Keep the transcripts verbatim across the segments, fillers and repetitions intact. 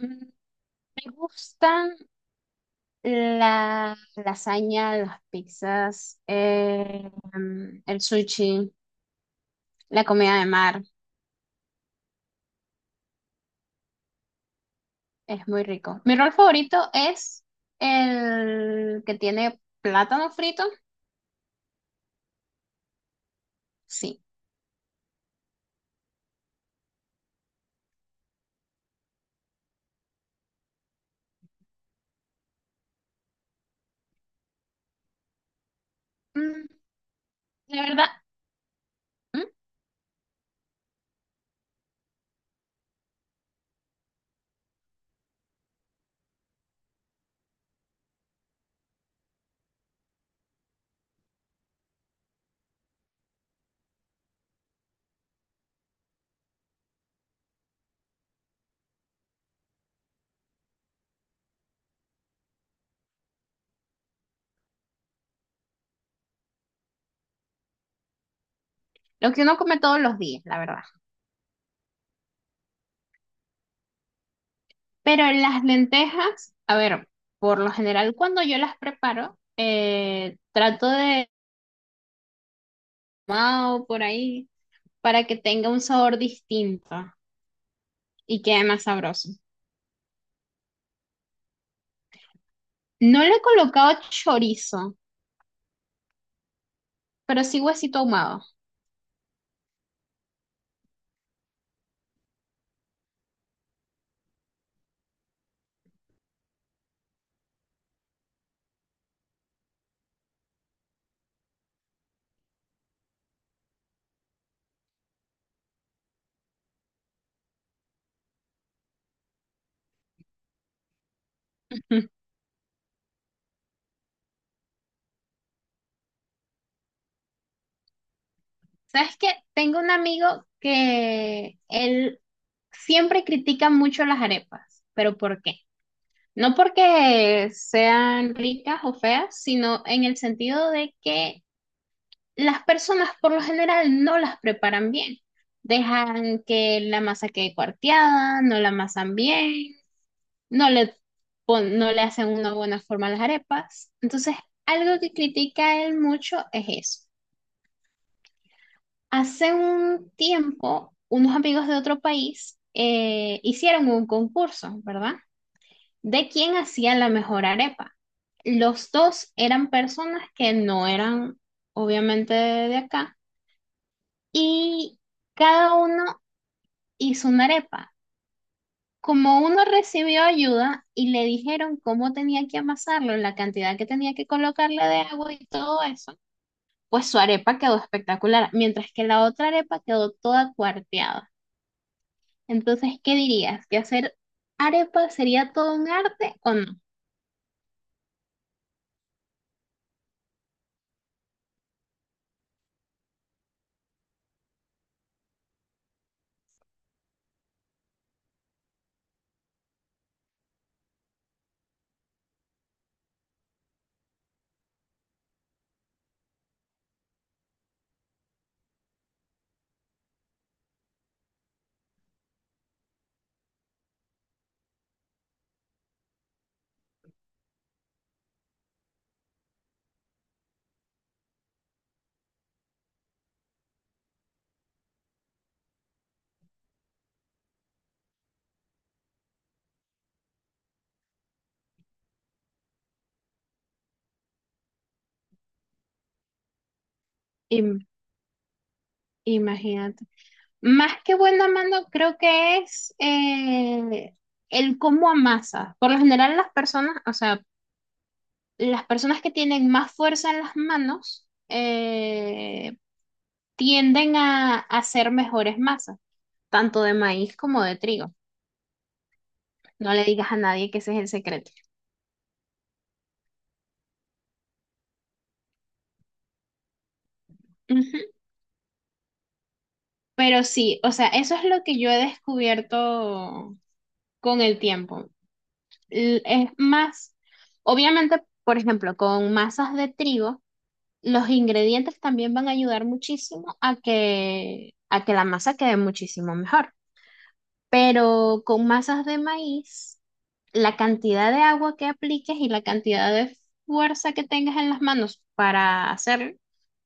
Mm, Me gustan la lasaña, las pizzas, eh, mm, el sushi, la comida de mar. Es muy rico. Mi rol favorito es el que tiene plátano frito. Sí. Mm, la verdad, mm, lo que uno come todos los días, la verdad. Pero las lentejas, a ver, por lo general cuando yo las preparo, eh, trato de mao por ahí para que tenga un sabor distinto. Y quede más sabroso. No le he colocado chorizo, pero sí huesito ahumado. ¿Sabes qué? Tengo un amigo que él siempre critica mucho las arepas, pero ¿por qué? No porque sean ricas o feas, sino en el sentido de que las personas por lo general no las preparan bien. Dejan que la masa quede cuarteada, no la amasan bien, no le, pon- no le hacen una buena forma a las arepas. Entonces, algo que critica él mucho es eso. Hace un tiempo, unos amigos de otro país eh, hicieron un concurso, ¿verdad? De quién hacía la mejor arepa. Los dos eran personas que no eran, obviamente, de acá, y cada uno hizo una arepa. Como uno recibió ayuda y le dijeron cómo tenía que amasarlo, la cantidad que tenía que colocarle de agua y todo eso, pues su arepa quedó espectacular, mientras que la otra arepa quedó toda cuarteada. Entonces, ¿qué dirías? ¿Que hacer arepa sería todo un arte o no? Im- imagínate. Más que buena mano, creo que es eh, el cómo amasas. Por lo general, las personas, o sea, las personas que tienen más fuerza en las manos, eh, tienden a hacer mejores masas, tanto de maíz como de trigo. No le digas a nadie que ese es el secreto. Ujú. Pero sí, o sea, eso es lo que yo he descubierto con el tiempo. L- Es más, obviamente, por ejemplo, con masas de trigo, los ingredientes también van a ayudar muchísimo a que, a que la masa quede muchísimo mejor. Pero con masas de maíz la cantidad de agua que apliques y la cantidad de fuerza que tengas en las manos para hacerlo,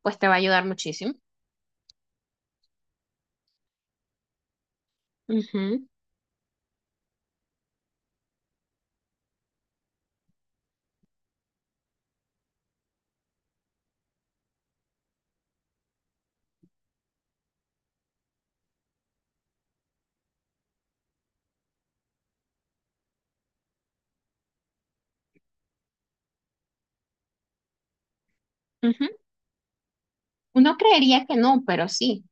pues te va a ayudar muchísimo. Ujú, ujú. Uno creería que no, pero sí.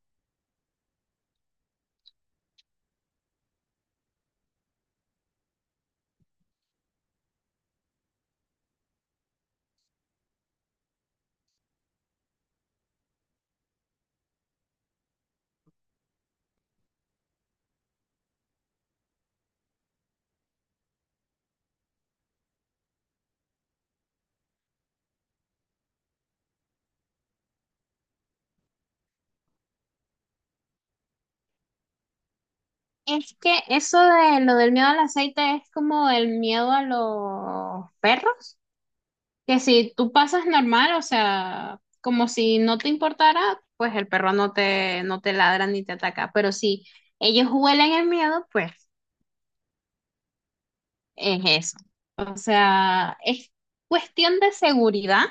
Es que eso de lo del miedo al aceite es como el miedo a los perros, que si tú pasas normal, o sea, como si no te importara, pues el perro no te, no te ladra ni te ataca, pero si ellos huelen el miedo, pues es eso. O sea, es cuestión de seguridad,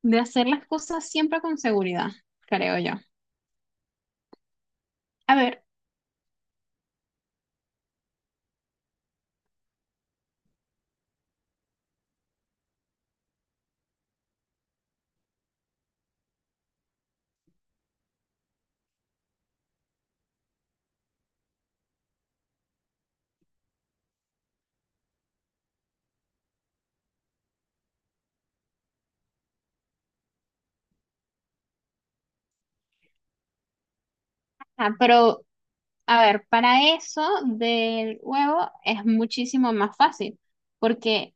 de hacer las cosas siempre con seguridad, creo yo. A ver, ah, pero, a ver, para eso del huevo es muchísimo más fácil, porque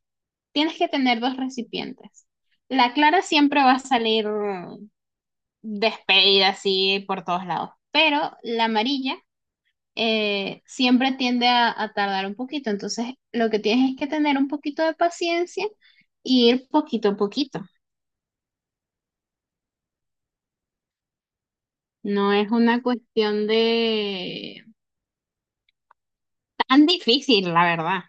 tienes que tener dos recipientes. La clara siempre va a salir despedida así por todos lados, pero la amarilla eh, siempre tiende a, a tardar un poquito. Entonces, lo que tienes es que tener un poquito de paciencia y ir poquito a poquito. No es una cuestión de tan difícil, la verdad.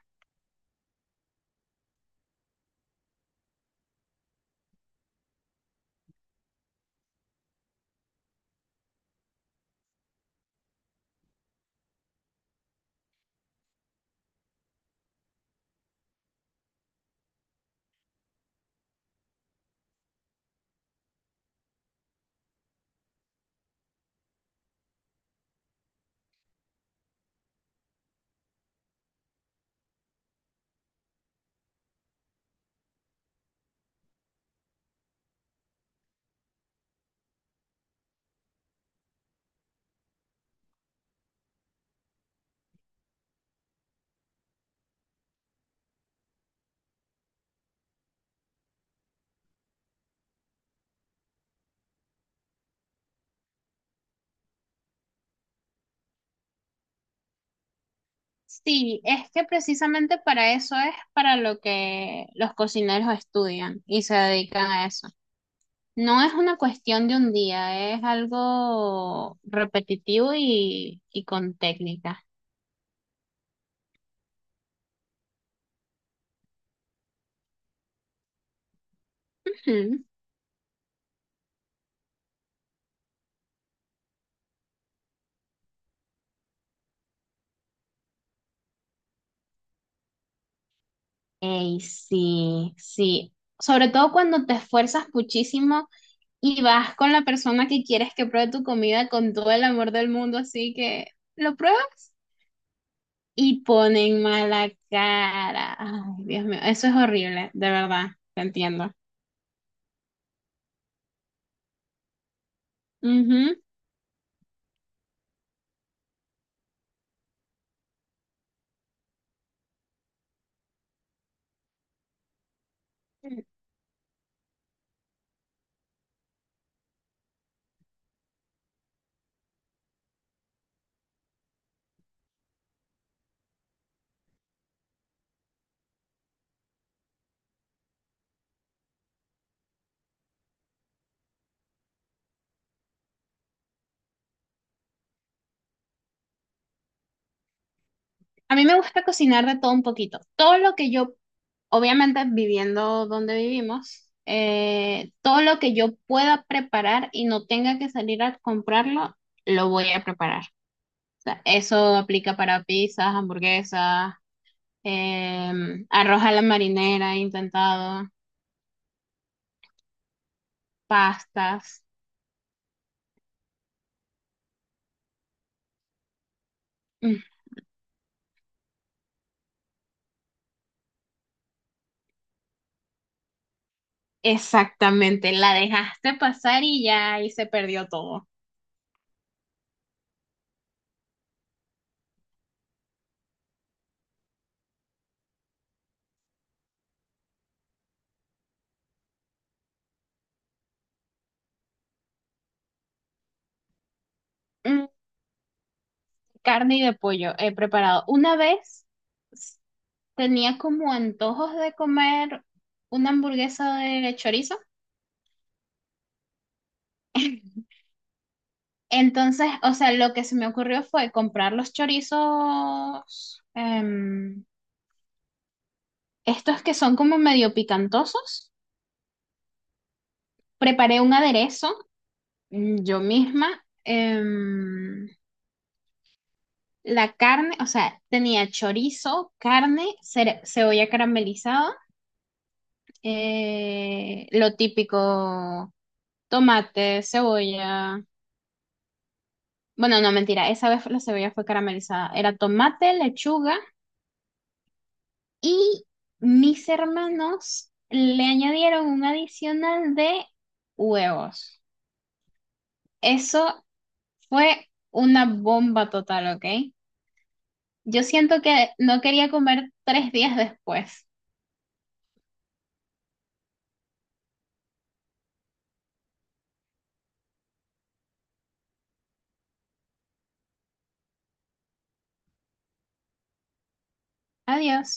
Sí, es que precisamente para eso es para lo que los cocineros estudian y se dedican a eso. No es una cuestión de un día, es algo repetitivo y, y con técnica. Ujú. Ey, sí, sí. Sobre todo cuando te esfuerzas muchísimo y vas con la persona que quieres que pruebe tu comida con todo el amor del mundo, así que lo pruebas y ponen mala cara. Ay, Dios mío, eso es horrible, de verdad, te entiendo. Ujú. A mí me gusta cocinar de todo un poquito. Todo lo que yo, obviamente viviendo donde vivimos, eh, todo lo que yo pueda preparar y no tenga que salir a comprarlo, lo voy a preparar. Sea, eso aplica para pizzas, hamburguesas, em, arroz a la marinera, he intentado, pastas. Mm, Exactamente, la dejaste pasar y ya ahí se perdió todo. Mm, Carne y de pollo he preparado. Una vez tenía como antojos de comer una hamburguesa de chorizo. Entonces, o sea, lo que se me ocurrió fue comprar los chorizos, em, estos que son como medio picantosos. Preparé un aderezo, mm, yo misma. em, la carne, o sea, tenía chorizo, carne, cere- cebolla caramelizada, eh, lo típico, tomate, cebolla. Bueno, no, mentira, esa vez la cebolla fue caramelizada. Era tomate, lechuga y mis hermanos le añadieron un adicional de huevos. Eso fue una bomba total, ¿ok? Yo siento que no quería comer tres días después. Adiós.